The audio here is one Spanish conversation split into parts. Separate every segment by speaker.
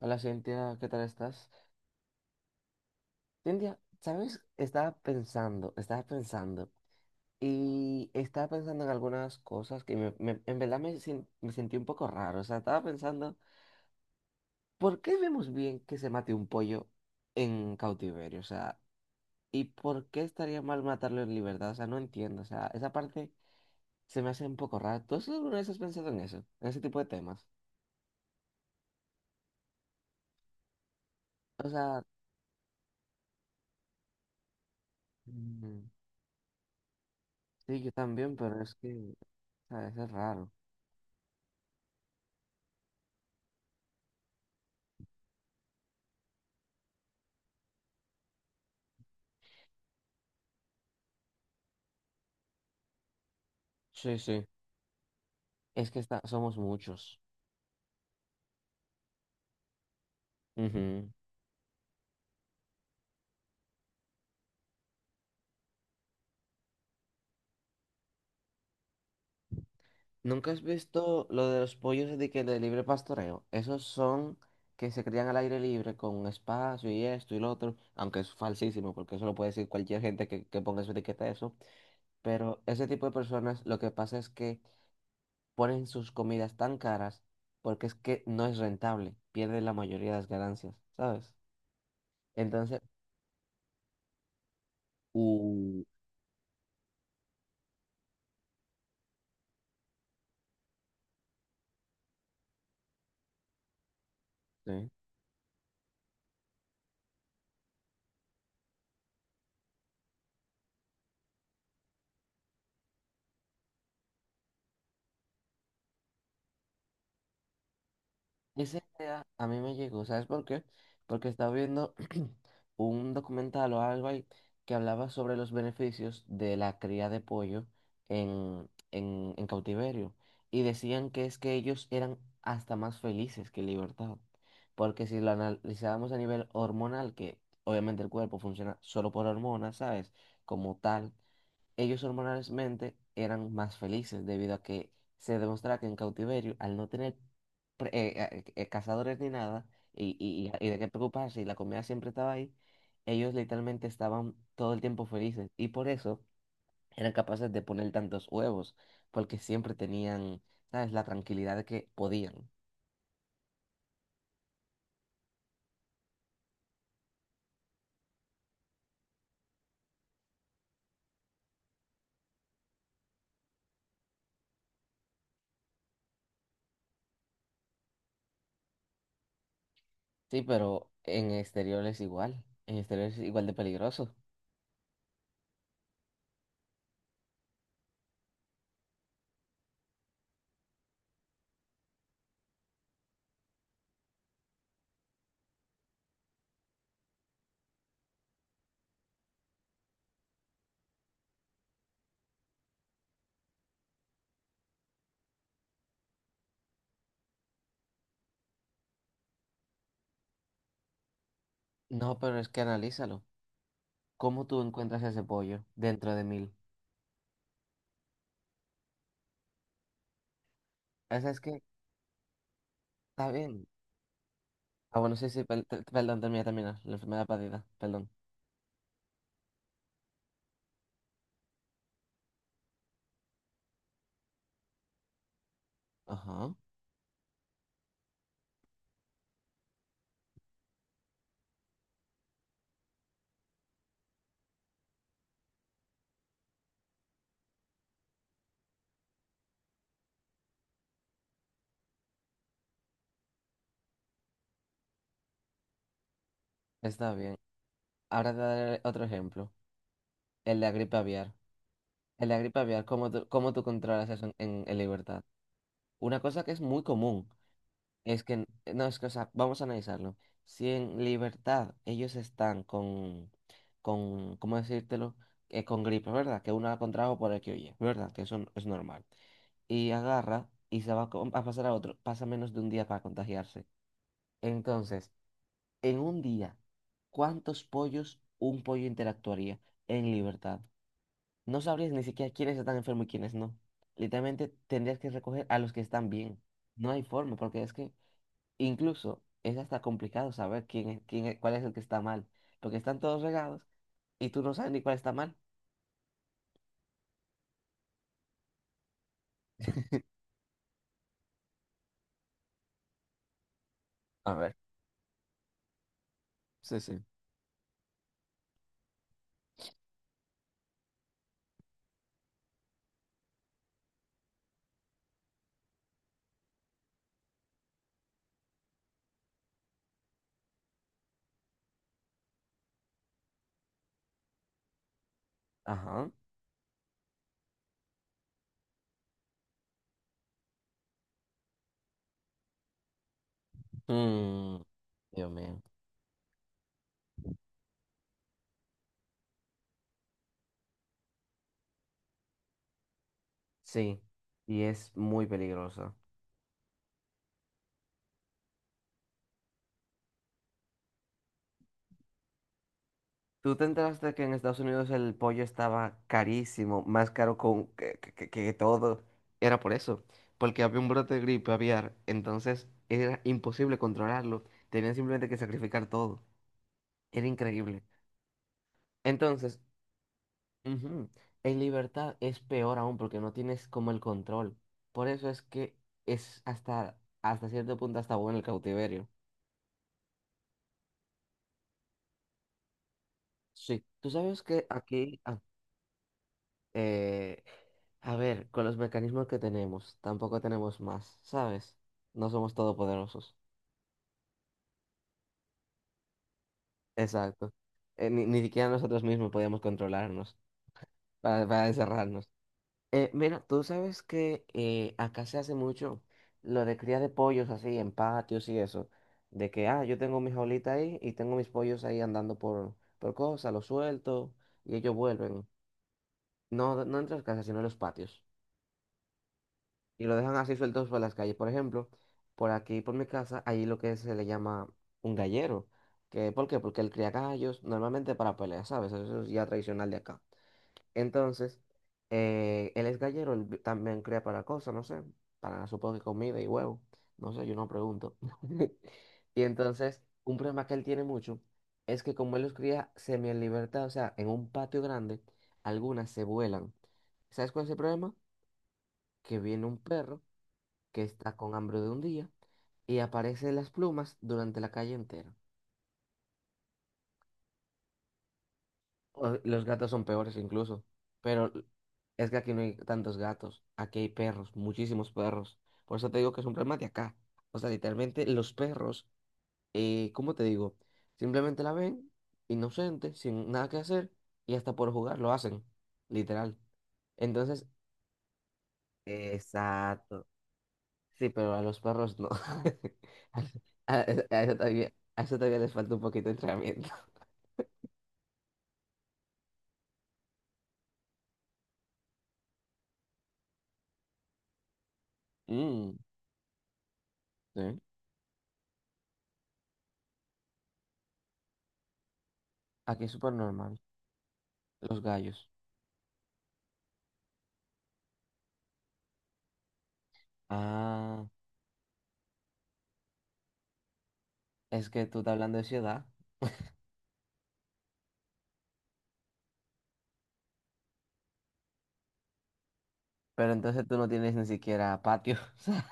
Speaker 1: Hola Cintia, ¿qué tal estás? Cintia, ¿sabes? Estaba pensando, en algunas cosas que en verdad me, sin- me sentí un poco raro. O sea, estaba pensando, ¿por qué vemos bien que se mate un pollo en cautiverio? O sea, ¿y por qué estaría mal matarlo en libertad? O sea, no entiendo. O sea, esa parte se me hace un poco rara. ¿Tú alguna vez has pensado en eso? En ese tipo de temas. O sea, mm, sí, yo también, pero es que, o sea, eso es raro. Sí, sí. Es que somos muchos. Ujú. ¿Nunca has visto lo de los pollos de libre pastoreo? Esos son que se crían al aire libre con espacio y esto y lo otro, aunque es falsísimo, porque eso lo puede decir cualquier gente que ponga su etiqueta a eso. Pero ese tipo de personas lo que pasa es que ponen sus comidas tan caras porque es que no es rentable, pierden la mayoría de las ganancias, ¿sabes? Entonces, Uh, sí. Esa idea a mí me llegó, ¿sabes por qué? Porque estaba viendo un documental o algo ahí que hablaba sobre los beneficios de la cría de pollo en, en cautiverio. Y decían que es que ellos eran hasta más felices que en libertad. Porque si lo analizábamos a nivel hormonal, que obviamente el cuerpo funciona solo por hormonas, ¿sabes? Como tal. Ellos hormonalmente eran más felices debido a que se demostraba que en cautiverio, al no tener cazadores ni nada y de qué preocuparse y la comida siempre estaba ahí, ellos literalmente estaban todo el tiempo felices y por eso eran capaces de poner tantos huevos, porque siempre tenían, ¿sabes?, la tranquilidad de que podían. Sí, pero en exterior es igual, en exterior es igual de peligroso. No, pero es que analízalo. ¿Cómo tú encuentras ese pollo dentro de mil? Está bien. Ah, bueno, sí, sí, perdón, termina, termina. La enfermedad perdida, perdón. Ajá, está bien. Ahora te daré otro ejemplo. El de la gripe aviar. El de la gripe aviar, ¿cómo tú controlas eso en, en libertad? Una cosa que es muy común es que, no, es que, o sea, vamos a analizarlo. Si en libertad ellos están con, ¿cómo decírtelo? Con gripe, ¿verdad? Que uno la contrajo por el que oye, ¿verdad? Que eso es normal. Y agarra y se va a a pasar a otro. Pasa menos de un día para contagiarse. Entonces, en un día, ¿cuántos pollos un pollo interactuaría en libertad? No sabrías ni siquiera quiénes están enfermos y quiénes no. Literalmente tendrías que recoger a los que están bien. No hay forma, porque es que incluso es hasta complicado saber quién es, cuál es el que está mal, porque están todos regados y tú no sabes ni cuál está mal. A ver. Sí, sí. Ajá. Mm, Dios mío. Sí, y es muy peligroso. ¿Tú te enteraste que en Estados Unidos el pollo estaba carísimo, más caro todo? Era por eso, porque había un brote de gripe aviar, entonces era imposible controlarlo, tenían simplemente que sacrificar todo, era increíble. Entonces, ujú, en libertad es peor aún porque no tienes como el control. Por eso es que es hasta, hasta cierto punto hasta bueno el cautiverio. Sí, tú sabes que aquí. Eh, a ver, con los mecanismos que tenemos, tampoco tenemos más, ¿sabes? No somos todopoderosos. Exacto. Ni siquiera nosotros mismos podíamos controlarnos para, encerrarnos. Mira, tú sabes que acá se hace mucho lo de cría de pollos así en patios y eso. De que, yo tengo mi jaulita ahí y tengo mis pollos ahí andando por, cosas, los suelto y ellos vuelven. No, no en las casas, sino en los patios. Y lo dejan así sueltos por las calles. Por ejemplo, por aquí, por mi casa, hay lo que se le llama un gallero. Que, ¿por qué? Porque él cría gallos normalmente para peleas, ¿sabes? Eso es ya tradicional de acá. Entonces, él es gallero, él también cría para cosas, no sé, para supongo que comida y huevo. No sé, yo no pregunto. Y entonces, un problema que él tiene mucho es que como él los cría semi en libertad, o sea, en un patio grande, algunas se vuelan. ¿Sabes cuál es el problema? Que viene un perro que está con hambre de un día y aparece las plumas durante la calle entera. Los gatos son peores incluso, pero es que aquí no hay tantos gatos, aquí hay perros, muchísimos perros. Por eso te digo que es un problema de acá. O sea, literalmente los perros, ¿cómo te digo? Simplemente la ven, inocente, sin nada que hacer, y hasta por jugar lo hacen, literal. Entonces, exacto. Sí, pero a los perros no. A, a- a eso todavía les falta un poquito de entrenamiento. Mm, sí. Aquí es súper normal. Los gallos. Ah, es que tú estás hablando de ciudad, pero entonces tú no tienes ni siquiera patio. O sea,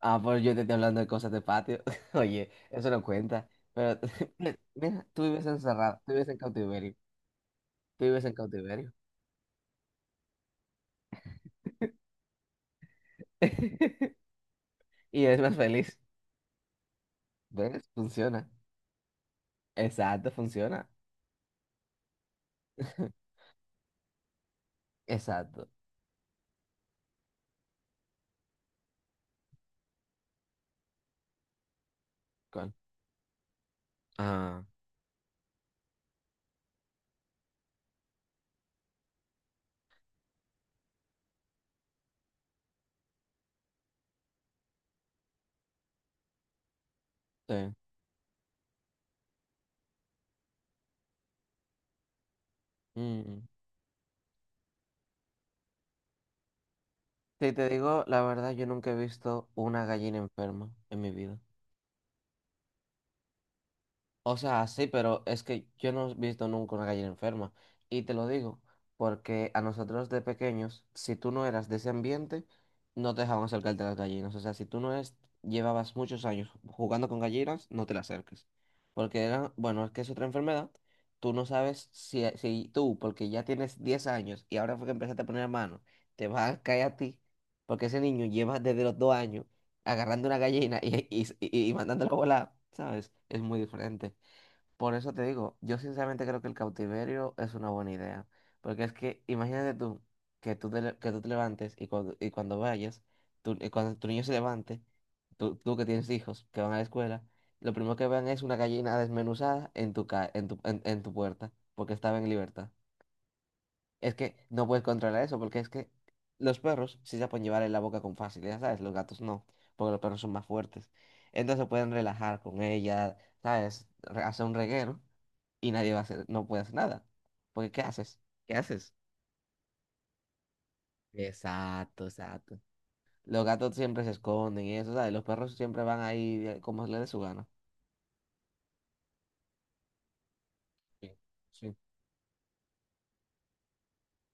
Speaker 1: pues yo te estoy hablando de cosas de patio. Oye, eso no cuenta. Pero mira, tú vives encerrado, tú vives en cautiverio, tú vives en cautiverio. Y eres más feliz. ¿Ves? Funciona. Exacto, funciona. Exacto. Cal- Ah, sí. Mm. Si te digo la verdad, yo nunca he visto una gallina enferma en mi vida. O sea, sí, pero es que yo no he visto nunca una gallina enferma. Y te lo digo, porque a nosotros de pequeños, si tú no eras de ese ambiente, no te dejaban acercarte a las gallinas. O sea, si tú no es, llevabas muchos años jugando con gallinas, no te las acerques. Porque era, bueno, es que es otra enfermedad. Tú no sabes si, si tú, porque ya tienes 10 años y ahora fue que empezaste a poner mano, te va a caer a ti, porque ese niño lleva desde los 2 años agarrando una gallina y mandándola a volar, ¿sabes? Es muy diferente. Por eso te digo, yo sinceramente creo que el cautiverio es una buena idea, porque es que imagínate tú que tú que tú te levantes y cuando tu niño se levante, tú que tienes hijos que van a la escuela, lo primero que vean es una gallina desmenuzada en tu puerta, porque estaba en libertad. Es que no puedes controlar eso, porque es que los perros sí se pueden llevar en la boca con facilidad, ¿sabes? Los gatos no, porque los perros son más fuertes. Entonces pueden relajar con ella, ¿sabes? Hacer un reguero y nadie va a hacer, no puede hacer nada. Porque ¿qué haces? ¿Qué haces? Exacto, exacto. Los gatos siempre se esconden y eso, ¿sabes? Los perros siempre van ahí como les dé su gana. Sí, sí.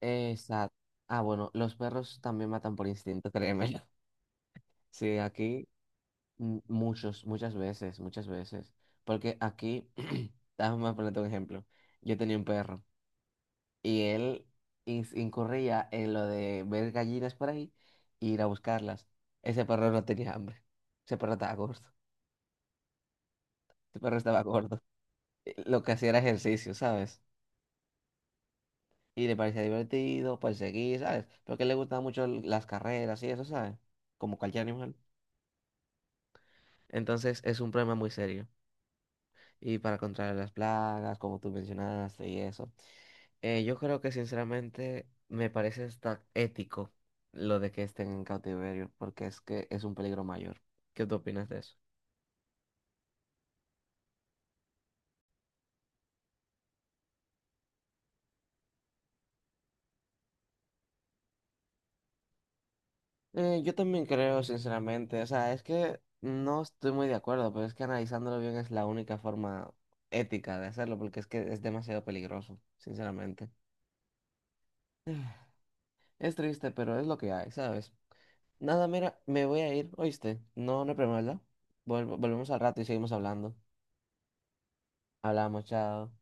Speaker 1: Exacto. Ah, bueno, los perros también matan por instinto, créeme. Sí, aquí. Muchos, muchas veces, muchas veces. Porque aquí, déjame ponerte un ejemplo. Yo tenía un perro y él incurría en lo de ver gallinas por ahí e ir a buscarlas. Ese perro no tenía hambre. Ese perro estaba gordo. Ese perro estaba gordo. Lo que hacía era ejercicio, ¿sabes? Y le parecía divertido, perseguir, ¿sabes? Porque le gustaban mucho las carreras y eso, ¿sabes? Como cualquier animal. Entonces es un problema muy serio. Y para controlar las plagas, como tú mencionaste y eso. Yo creo que sinceramente me parece hasta ético lo de que estén en cautiverio, porque es que es un peligro mayor. ¿Qué tú opinas de eso? Yo también creo, sinceramente, o sea, es que no estoy muy de acuerdo, pero es que analizándolo bien es la única forma ética de hacerlo, porque es que es demasiado peligroso, sinceramente. Es triste, pero es lo que hay, ¿sabes? Nada, mira, me voy a ir, ¿oíste? No, no hay problema, ¿verdad? Volvemos al rato y seguimos hablando. Hablamos, chao.